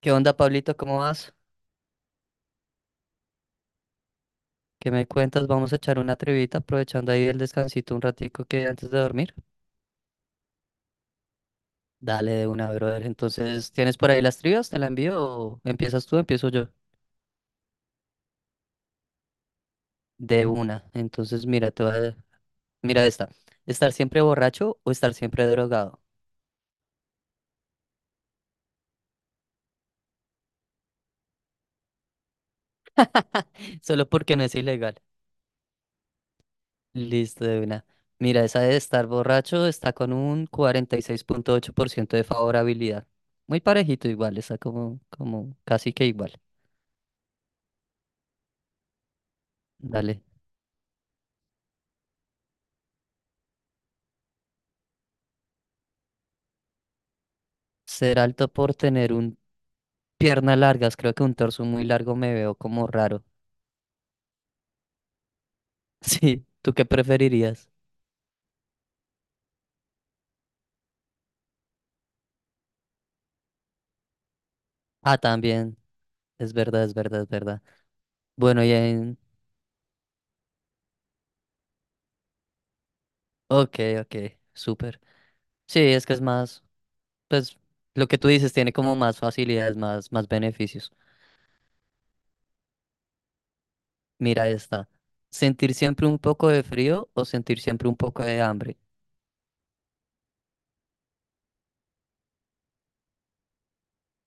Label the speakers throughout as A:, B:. A: ¿Qué onda, Pablito? ¿Cómo vas? ¿Qué me cuentas? Vamos a echar una trivita aprovechando ahí el descansito un ratico que antes de dormir. Dale de una, brother. Entonces, ¿tienes por ahí las trivias? ¿Te la envío o empiezas tú, empiezo yo? De una. Entonces, mira, mira esta. ¿Estar siempre borracho o estar siempre drogado? Solo porque no es ilegal. Listo, de una. Mira, esa de estar borracho está con un 46.8% de favorabilidad. Muy parejito igual, está como casi que igual. Dale. Ser alto por tener un piernas largas, creo que un torso muy largo me veo como raro. Sí, ¿tú qué preferirías? Ah, también, es verdad, es verdad, es verdad. Bueno, ya en... Ok, ok, súper. Sí, es que es más, pues lo que tú dices tiene como más facilidades, más beneficios. Mira esta. ¿Sentir siempre un poco de frío o sentir siempre un poco de hambre?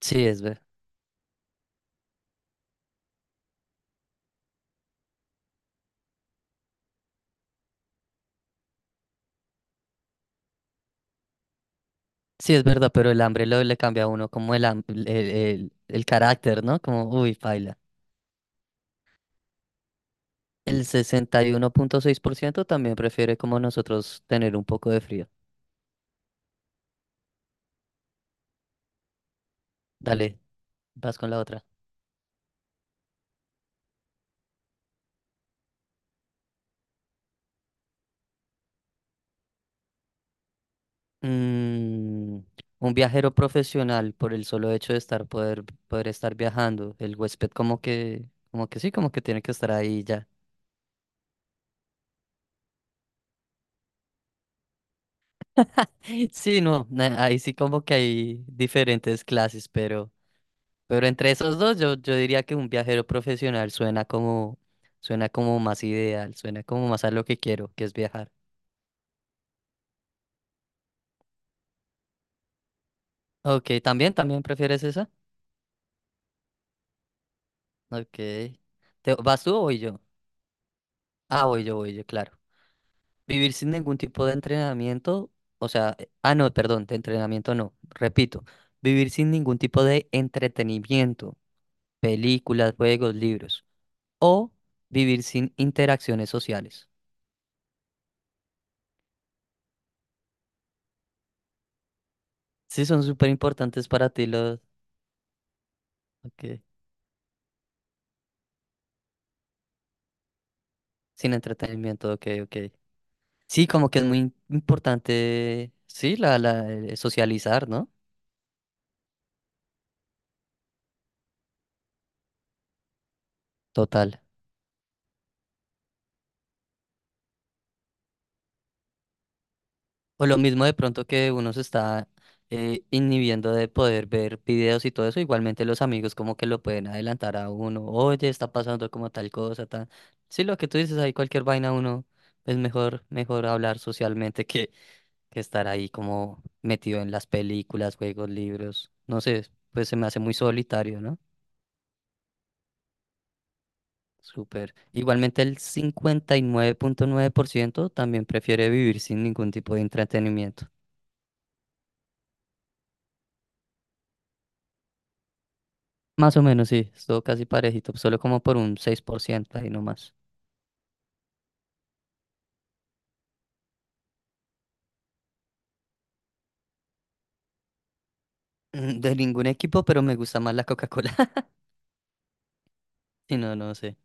A: Sí, es ver. Sí, es verdad, pero el hambre le cambia a uno como el, ham- el carácter, ¿no? Como, uy, paila. El 61.6% también prefiere como nosotros tener un poco de frío. Dale, vas con la otra. Mm, un viajero profesional por el solo hecho de poder estar viajando. El huésped como que sí, como que tiene que estar ahí ya. Sí, no, ahí sí como que hay diferentes clases, pero entre esos dos yo diría que un viajero profesional suena como más ideal, suena como más a lo que quiero, que es viajar. Ok, también prefieres esa? Ok. ¿Vas tú o voy yo? Ah, voy yo, claro. Vivir sin ningún tipo de entrenamiento, o sea, ah, no, perdón, de entrenamiento no, repito, vivir sin ningún tipo de entretenimiento, películas, juegos, libros, o vivir sin interacciones sociales. Sí, son súper importantes para ti los... Ok, sin entretenimiento, ok, ok. Sí, como que es muy importante, sí, socializar, ¿no? Total. O lo mismo de pronto que uno se está inhibiendo de poder ver videos y todo eso, igualmente los amigos como que lo pueden adelantar a uno, oye, está pasando como tal cosa, tal. Sí, lo que tú dices, ahí cualquier vaina uno es mejor, mejor hablar socialmente que estar ahí como metido en las películas, juegos, libros. No sé, pues se me hace muy solitario, ¿no? Súper. Igualmente el cincuenta y nueve punto nueve por ciento también prefiere vivir sin ningún tipo de entretenimiento. Más o menos, sí, estuvo casi parejito, solo como por un 6% ahí nomás. Mm, de ningún equipo, pero me gusta más la Coca-Cola. Si no, no sé.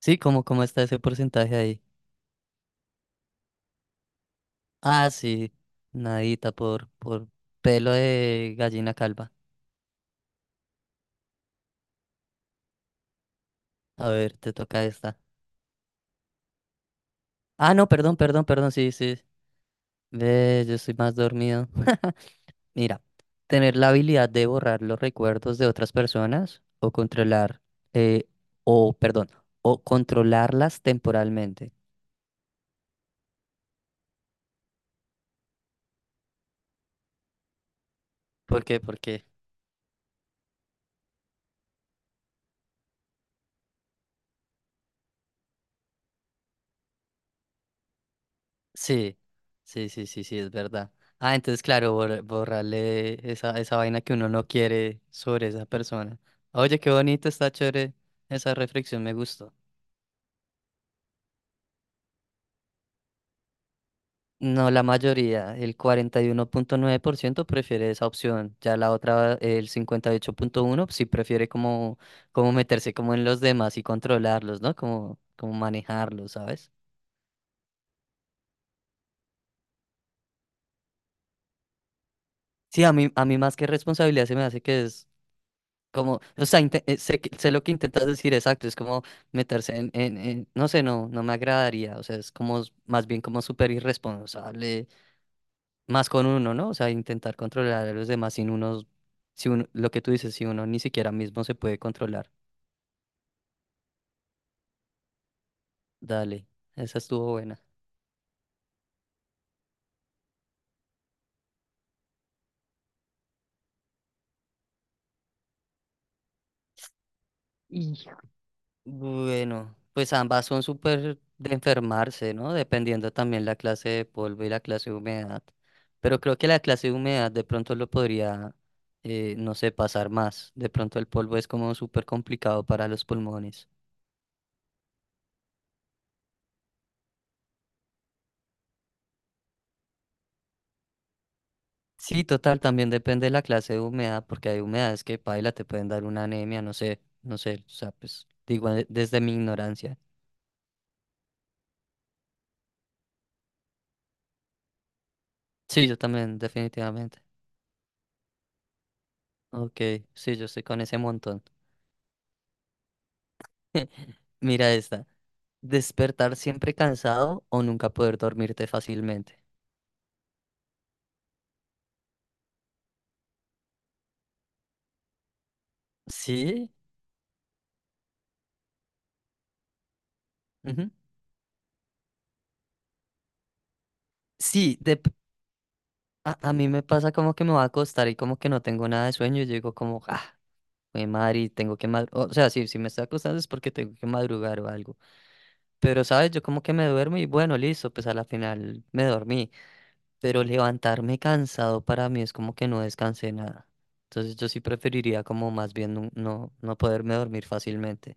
A: Sí, como ¿cómo está ese porcentaje ahí? Ah, sí, nadita por pelo de gallina calva. A ver, te toca esta. Ah, no, perdón, perdón, perdón, sí, sí. Ve, yo estoy más dormido. Mira, tener la habilidad de borrar los recuerdos de otras personas o controlar, eh, o, perdón, o controlarlas temporalmente. ¿Por qué? Porque sí, sí, sí, sí, sí, es verdad. Ah, entonces, claro, borrarle esa vaina que uno no quiere sobre esa persona. Oye, qué bonito, está chévere. Esa reflexión me gustó. No, la mayoría, el 41.9% prefiere esa opción. Ya la otra, el 58.1 sí prefiere como meterse como en los demás y controlarlos, ¿no? Como manejarlos, ¿sabes? Sí, a mí más que responsabilidad se me hace que es como, o sea, sé lo que intentas decir, exacto, es como meterse no sé, no, no me agradaría, o sea, es como, más bien como súper irresponsable, más con uno, ¿no? O sea, intentar controlar a los demás sin unos, si uno, lo que tú dices, si uno ni siquiera mismo se puede controlar. Dale, esa estuvo buena. Bueno, pues ambas son súper de enfermarse, ¿no? Dependiendo también la clase de polvo y la clase de humedad. Pero creo que la clase de humedad de pronto lo podría, no sé, pasar más. De pronto el polvo es como súper complicado para los pulmones. Sí, total, también depende de la clase de humedad, porque hay humedades que, paila, te pueden dar una anemia, no sé, no sé, o sea, pues digo desde mi ignorancia. Sí, yo también, definitivamente. Ok, sí, yo estoy con ese montón. Mira esta. Despertar siempre cansado o nunca poder dormirte fácilmente. Sí, ujú. Sí, a mí me pasa como que me va a acostar y como que no tengo nada de sueño. Y yo digo como, ah, mi madre, y tengo que madrugar. O sea, sí, si me estoy acostando es porque tengo que madrugar o algo. Pero, ¿sabes? Yo como que me duermo y bueno, listo, pues a la final me dormí. Pero levantarme cansado para mí es como que no descansé nada. Entonces yo sí preferiría como más bien no poderme dormir fácilmente.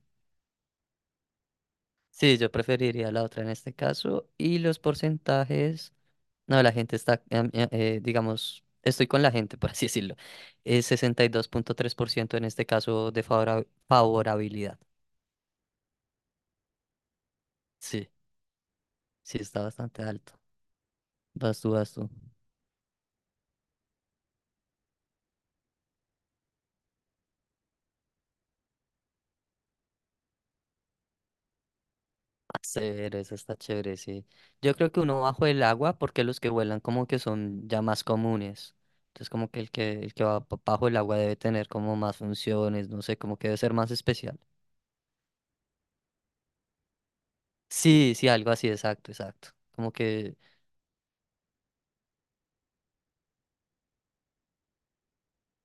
A: Sí, yo preferiría la otra en este caso. Y los porcentajes, no, la gente está, digamos, estoy con la gente, por así decirlo. Es 62.3% en este caso de favorabilidad. Sí, sí, está bastante alto. Vas tú, vas tú. Chévere, eso está chévere, sí. Yo creo que uno bajo el agua, porque los que vuelan como que son ya más comunes. Entonces como que el que va bajo el agua debe tener como más funciones, no sé, como que debe ser más especial. Sí, sí, algo así, exacto, exacto. Como que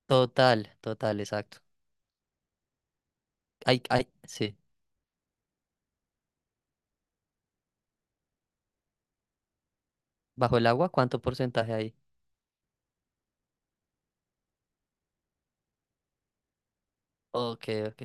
A: total, total, exacto. Ay, ay, sí. ¿Bajo el agua cuánto porcentaje hay? Ok, ok.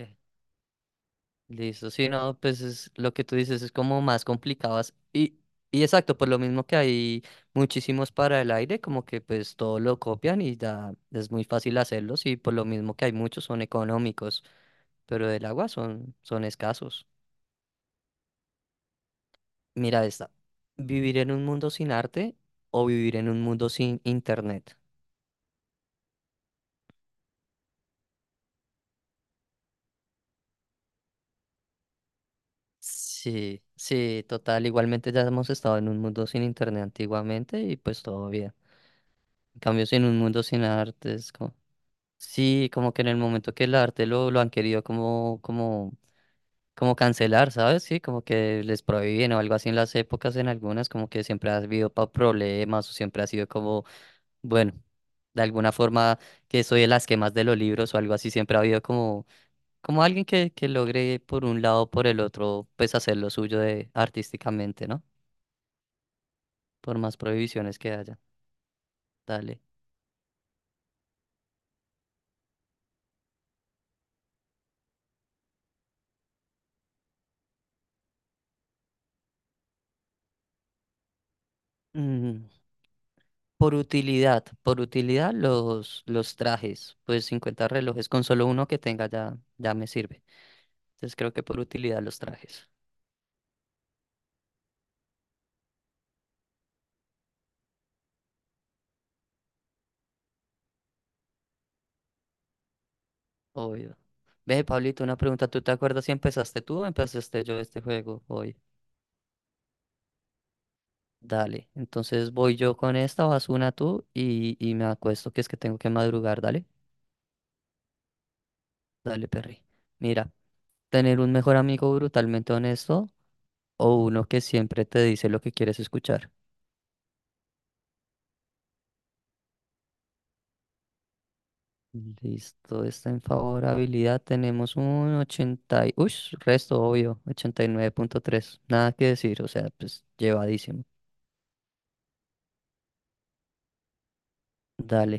A: Listo. Sí, no, pues es, lo que tú dices es como más complicadas. Y exacto, por lo mismo que hay muchísimos para el aire, como que pues todo lo copian y ya es muy fácil hacerlos y por lo mismo que hay muchos son económicos, pero del agua son escasos. Mira esta. ¿Vivir en un mundo sin arte o vivir en un mundo sin internet? Sí, sí, total. Igualmente ya hemos estado en un mundo sin internet antiguamente y pues todo bien. En cambio, sin un mundo sin arte es como... Sí, como que en el momento que el arte lo han querido como, como cancelar, ¿sabes? Sí, como que les prohíben o algo así en las épocas, en algunas, como que siempre ha habido problemas o siempre ha sido como, bueno, de alguna forma que soy de las quemas de los libros o algo así, siempre ha habido como alguien que logre por un lado o por el otro, pues hacer lo suyo de, artísticamente, ¿no? Por más prohibiciones que haya. Dale. Mm, por utilidad, por utilidad los trajes, pues 50 relojes, con solo uno que tenga ya, ya me sirve. Entonces creo que por utilidad los trajes, obvio. Ve, Pablito, una pregunta, ¿tú te acuerdas si empezaste tú o empezaste yo este juego hoy? Dale, entonces voy yo con esta, vas una tú y me acuesto, que es que tengo que madrugar, dale, dale, Perry. Mira. ¿Tener un mejor amigo brutalmente honesto o uno que siempre te dice lo que quieres escuchar? Listo, está en favorabilidad. Tenemos un 80 y... Uy, resto obvio, 89.3. Nada que decir, o sea, pues llevadísimo. Dale.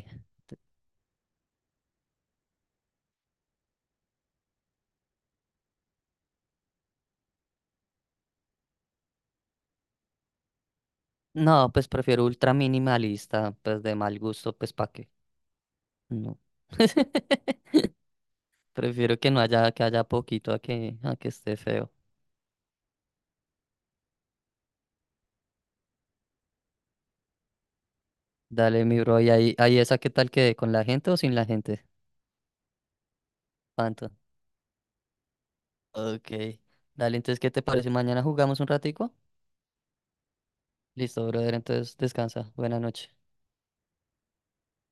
A: No, pues prefiero ultra minimalista, pues de mal gusto, pues pa' qué. No. Prefiero que no haya, que haya poquito a que esté feo. Dale, mi bro, y ahí, esa qué tal que con la gente o sin la gente. Panto. Ok. Dale, entonces, ¿qué te parece? Mañana jugamos un ratico. Listo, brother, entonces descansa. Buena noche.